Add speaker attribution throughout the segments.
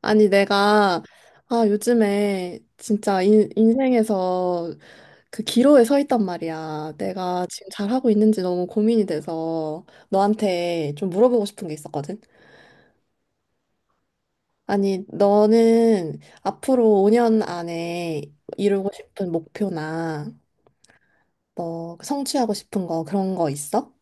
Speaker 1: 아니, 내가, 아, 요즘에 진짜 인생에서 그 기로에 서 있단 말이야. 내가 지금 잘하고 있는지 너무 고민이 돼서 너한테 좀 물어보고 싶은 게 있었거든. 아니, 너는 앞으로 5년 안에 이루고 싶은 목표나 뭐 성취하고 싶은 거 그런 거 있어?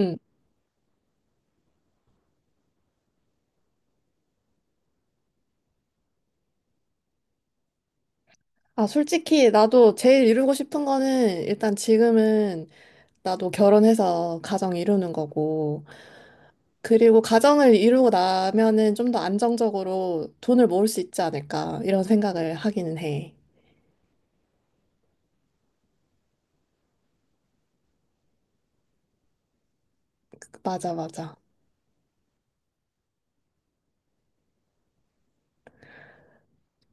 Speaker 1: 응. 아, 솔직히 나도 제일 이루고 싶은 거는 일단 지금은 나도 결혼해서 가정 이루는 거고, 그리고 가정을 이루고 나면은 좀 더 안정적으로 돈을 모을 수 있지 않을까 이런 생각을 하기는 해. 맞아, 맞아.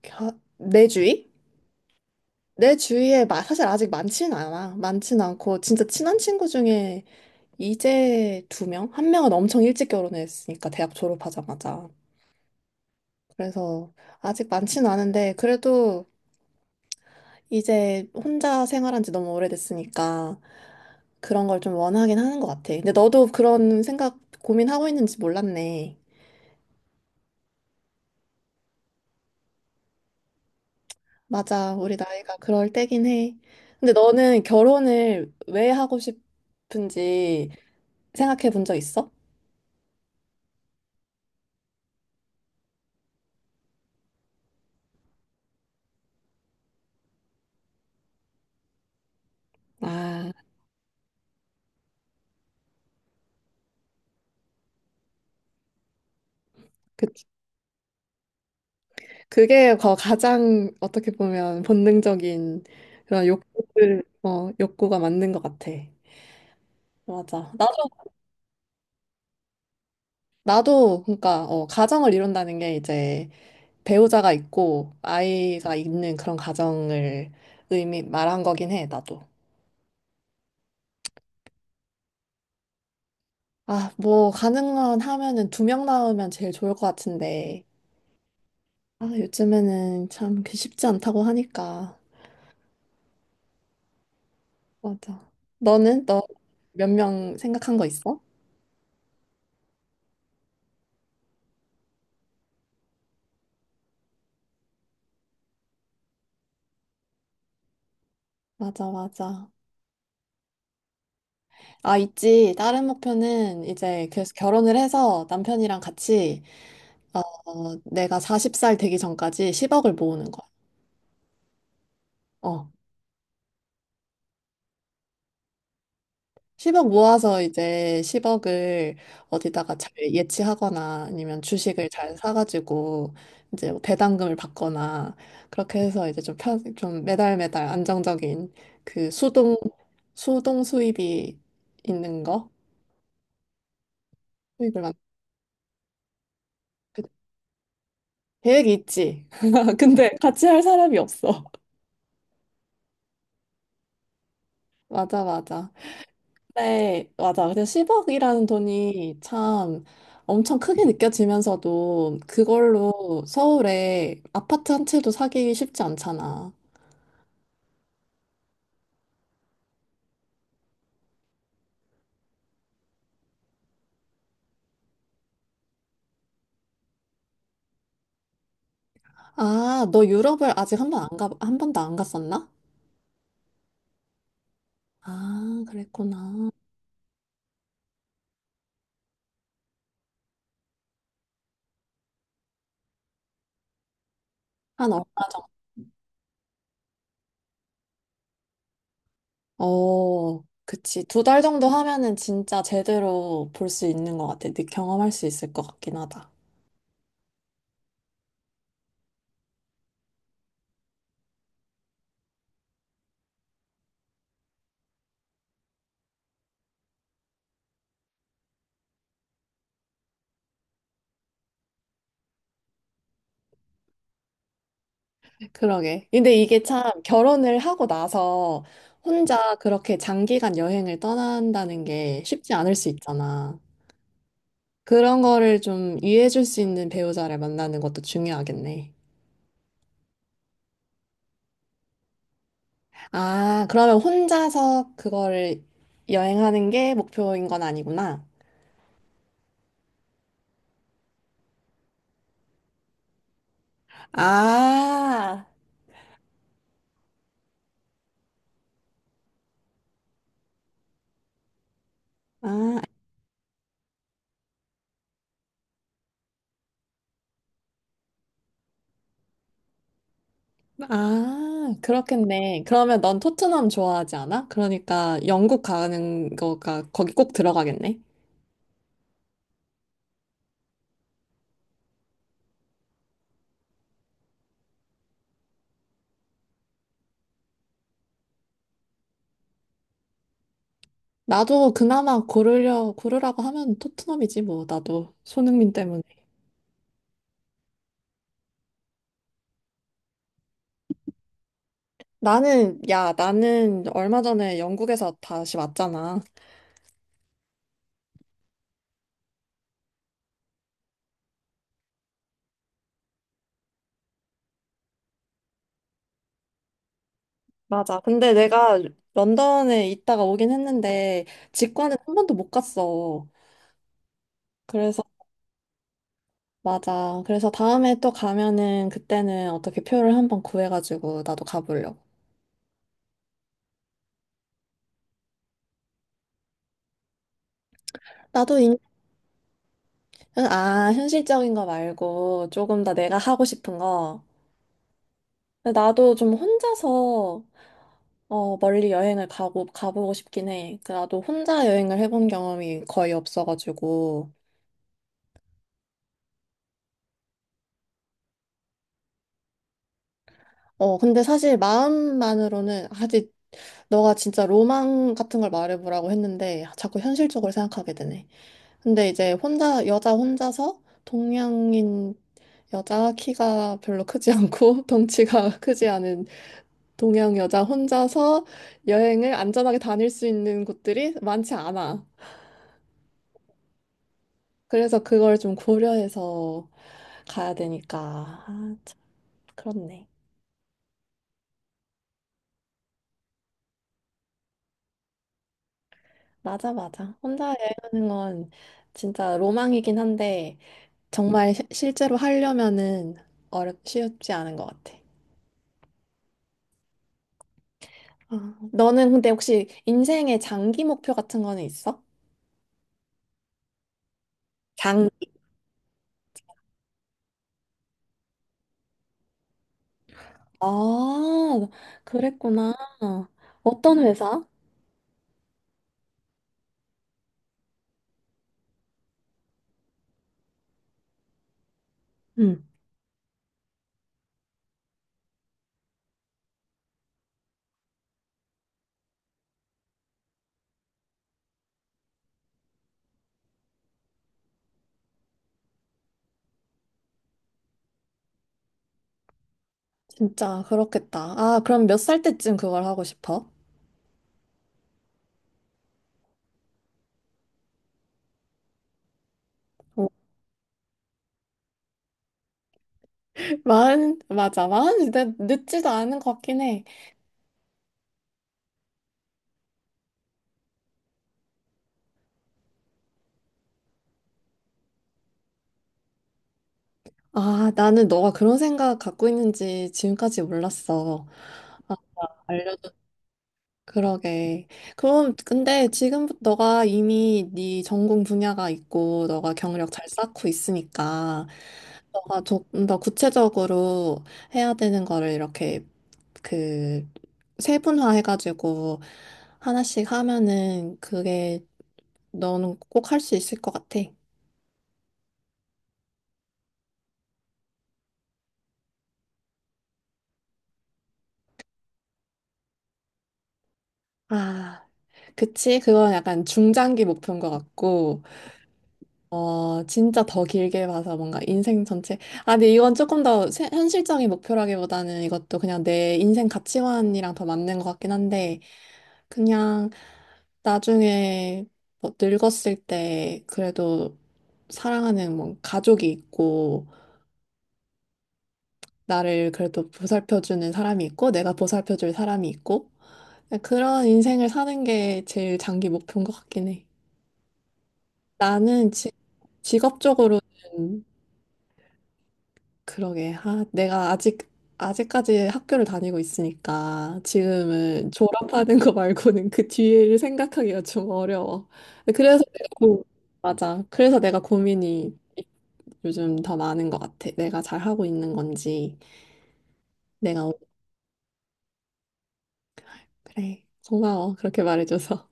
Speaker 1: 겨- 내 주위? 내 주위에 사실 아직 많지는 않아. 많지는 않고 진짜 친한 친구 중에 이제 두 명? 한 명은 엄청 일찍 결혼했으니까 대학 졸업하자마자. 그래서 아직 많지는 않은데 그래도 이제 혼자 생활한 지 너무 오래됐으니까 그런 걸 좀 원하긴 하는 것 같아. 근데 너도 그런 생각 고민하고 있는지 몰랐네. 맞아. 우리 나이가 그럴 때긴 해. 근데 너는 결혼을 왜 하고 싶은지 생각해 본 적 있어? 아, 그, 그게 가장 어떻게 보면 본능적인 그런 욕구가 맞는 것 같아. 맞아. 나도, 그러니까, 가정을 이룬다는 게 이제 배우자가 있고 아이가 있는 그런 가정을 말한 거긴 해, 나도. 아, 뭐, 가능한 하면은 두 명 낳으면 제일 좋을 것 같은데. 아, 요즘에는 참 그 쉽지 않다고 하니까. 맞아. 너는? 너 몇 명 생각한 거 있어? 맞아, 맞아. 아, 있지. 다른 목표는 이제 그래서 결혼을 해서 남편이랑 같이 어, 내가 40살 되기 전까지 10억을 모으는 거야. 어. 10억 모아서 이제 10억을 어디다가 잘 예치하거나 아니면 주식을 잘 사가지고 이제 뭐 배당금을 받거나 그렇게 해서 이제 좀 좀 매달 매달 안정적인 그 수동 수입이 있는 거? 수입을 만 그 계획이 있지. 근데 같이 할 사람이 없어. 맞아, 맞아. 네, 맞아. 근데 10억이라는 돈이 참 엄청 크게 느껴지면서도 그걸로 서울에 아파트 한 채도 사기 쉽지 않잖아. 아, 너 유럽을 아직 한 번도 안 갔었나? 아, 그랬구나. 한 얼마 정도? 어, 그치. 두 달 정도 하면은 진짜 제대로 볼 수 있는 것 같아. 네, 경험할 수 있을 것 같긴 하다. 그러게. 근데 이게 참 결혼을 하고 나서 혼자 그렇게 장기간 여행을 떠난다는 게 쉽지 않을 수 있잖아. 그런 거를 좀 이해해줄 수 있는 배우자를 만나는 것도 중요하겠네. 아, 그러면 혼자서 그거를 여행하는 게 목표인 건 아니구나. 아, 아, 아, 그렇겠네. 그러면 넌 토트넘 좋아하지 않아? 그러니까 영국 가는 거가 거기 꼭 들어가겠네. 나도 그나마 고르라고 하면 토트넘이지, 뭐, 나도. 손흥민 때문에. 나는, 야, 나는 얼마 전에 영국에서 다시 왔잖아. 맞아. 근데 내가 런던에 있다가 오긴 했는데, 직관은 한 번도 못 갔어. 그래서, 맞아. 그래서 다음에 또 가면은, 그때는 어떻게 표를 한번 구해가지고, 나도 가보려고. 나도. 아, 현실적인 거 말고, 조금 더 내가 하고 싶은 거. 근데 나도 좀 혼자서 어, 멀리 여행을 가고, 가보고 싶긴 해. 그 나도 혼자 여행을 해본 경험이 거의 없어가지고. 어, 근데 사실 마음만으로는 아직 너가 진짜 로망 같은 걸 말해보라고 했는데 자꾸 현실적으로 생각하게 되네. 근데 이제 혼자, 여자 혼자서 동양인 여자 키가 별로 크지 않고 덩치가 크지 않은 동양 여자 혼자서 여행을 안전하게 다닐 수 있는 곳들이 많지 않아. 그래서 그걸 좀 고려해서 가야 되니까. 아, 참, 그렇네. 맞아, 맞아. 혼자 여행하는 건 진짜 로망이긴 한데, 정말 실제로 하려면은 쉽지 않은 것 같아. 아, 너는 근데 혹시 인생의 장기 목표 같은 거는 있어? 장, 아, 그랬구나. 어떤 회사? 응. 진짜 그렇겠다. 아, 그럼 몇 살 때쯤 그걸 하고 싶어? 마흔, 맞아. 마흔이 늦지도 않은 것 같긴 해. 아, 나는 너가 그런 생각 갖고 있는지 지금까지 몰랐어. 아, 알려줘. 그러게. 그럼, 근데 지금 너가 이미 네 전공 분야가 있고, 너가 경력 잘 쌓고 있으니까, 너가 조금 더 구체적으로 해야 되는 거를 이렇게 그 세분화해가지고 하나씩 하면은 그게 너는 꼭 할 수 있을 것 같아. 아, 그치. 그건 약간 중장기 목표인 것 같고, 어, 진짜 더 길게 봐서 뭔가 인생 전체. 아, 근데 이건 조금 더 현실적인 목표라기보다는 이것도 그냥 내 인생 가치관이랑 더 맞는 것 같긴 한데, 그냥 나중에 뭐 늙었을 때 그래도 사랑하는 뭐 가족이 있고, 나를 그래도 보살펴주는 사람이 있고, 내가 보살펴줄 사람이 있고, 그런 인생을 사는 게 제일 장기 목표인 것 같긴 해. 나는 지, 직업적으로는 그러게. 아, 아직까지 학교를 다니고 있으니까 지금은 졸업하는 거 말고는 그 뒤를 생각하기가 좀 어려워. 그래서 내가 고, 맞아. 그래서 내가 고민이 요즘 더 많은 것 같아. 내가 잘하고 있는 건지, 내가, 오- 그래. 고마워. 그렇게 말해줘서.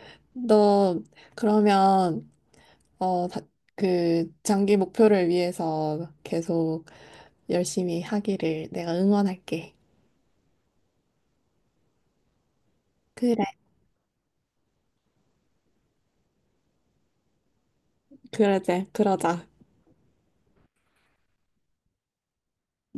Speaker 1: 너, 그러면, 어, 다- 그, 장기 목표를 위해서 계속 열심히 하기를 내가 응원할게. 그래, 그러자, 그러자.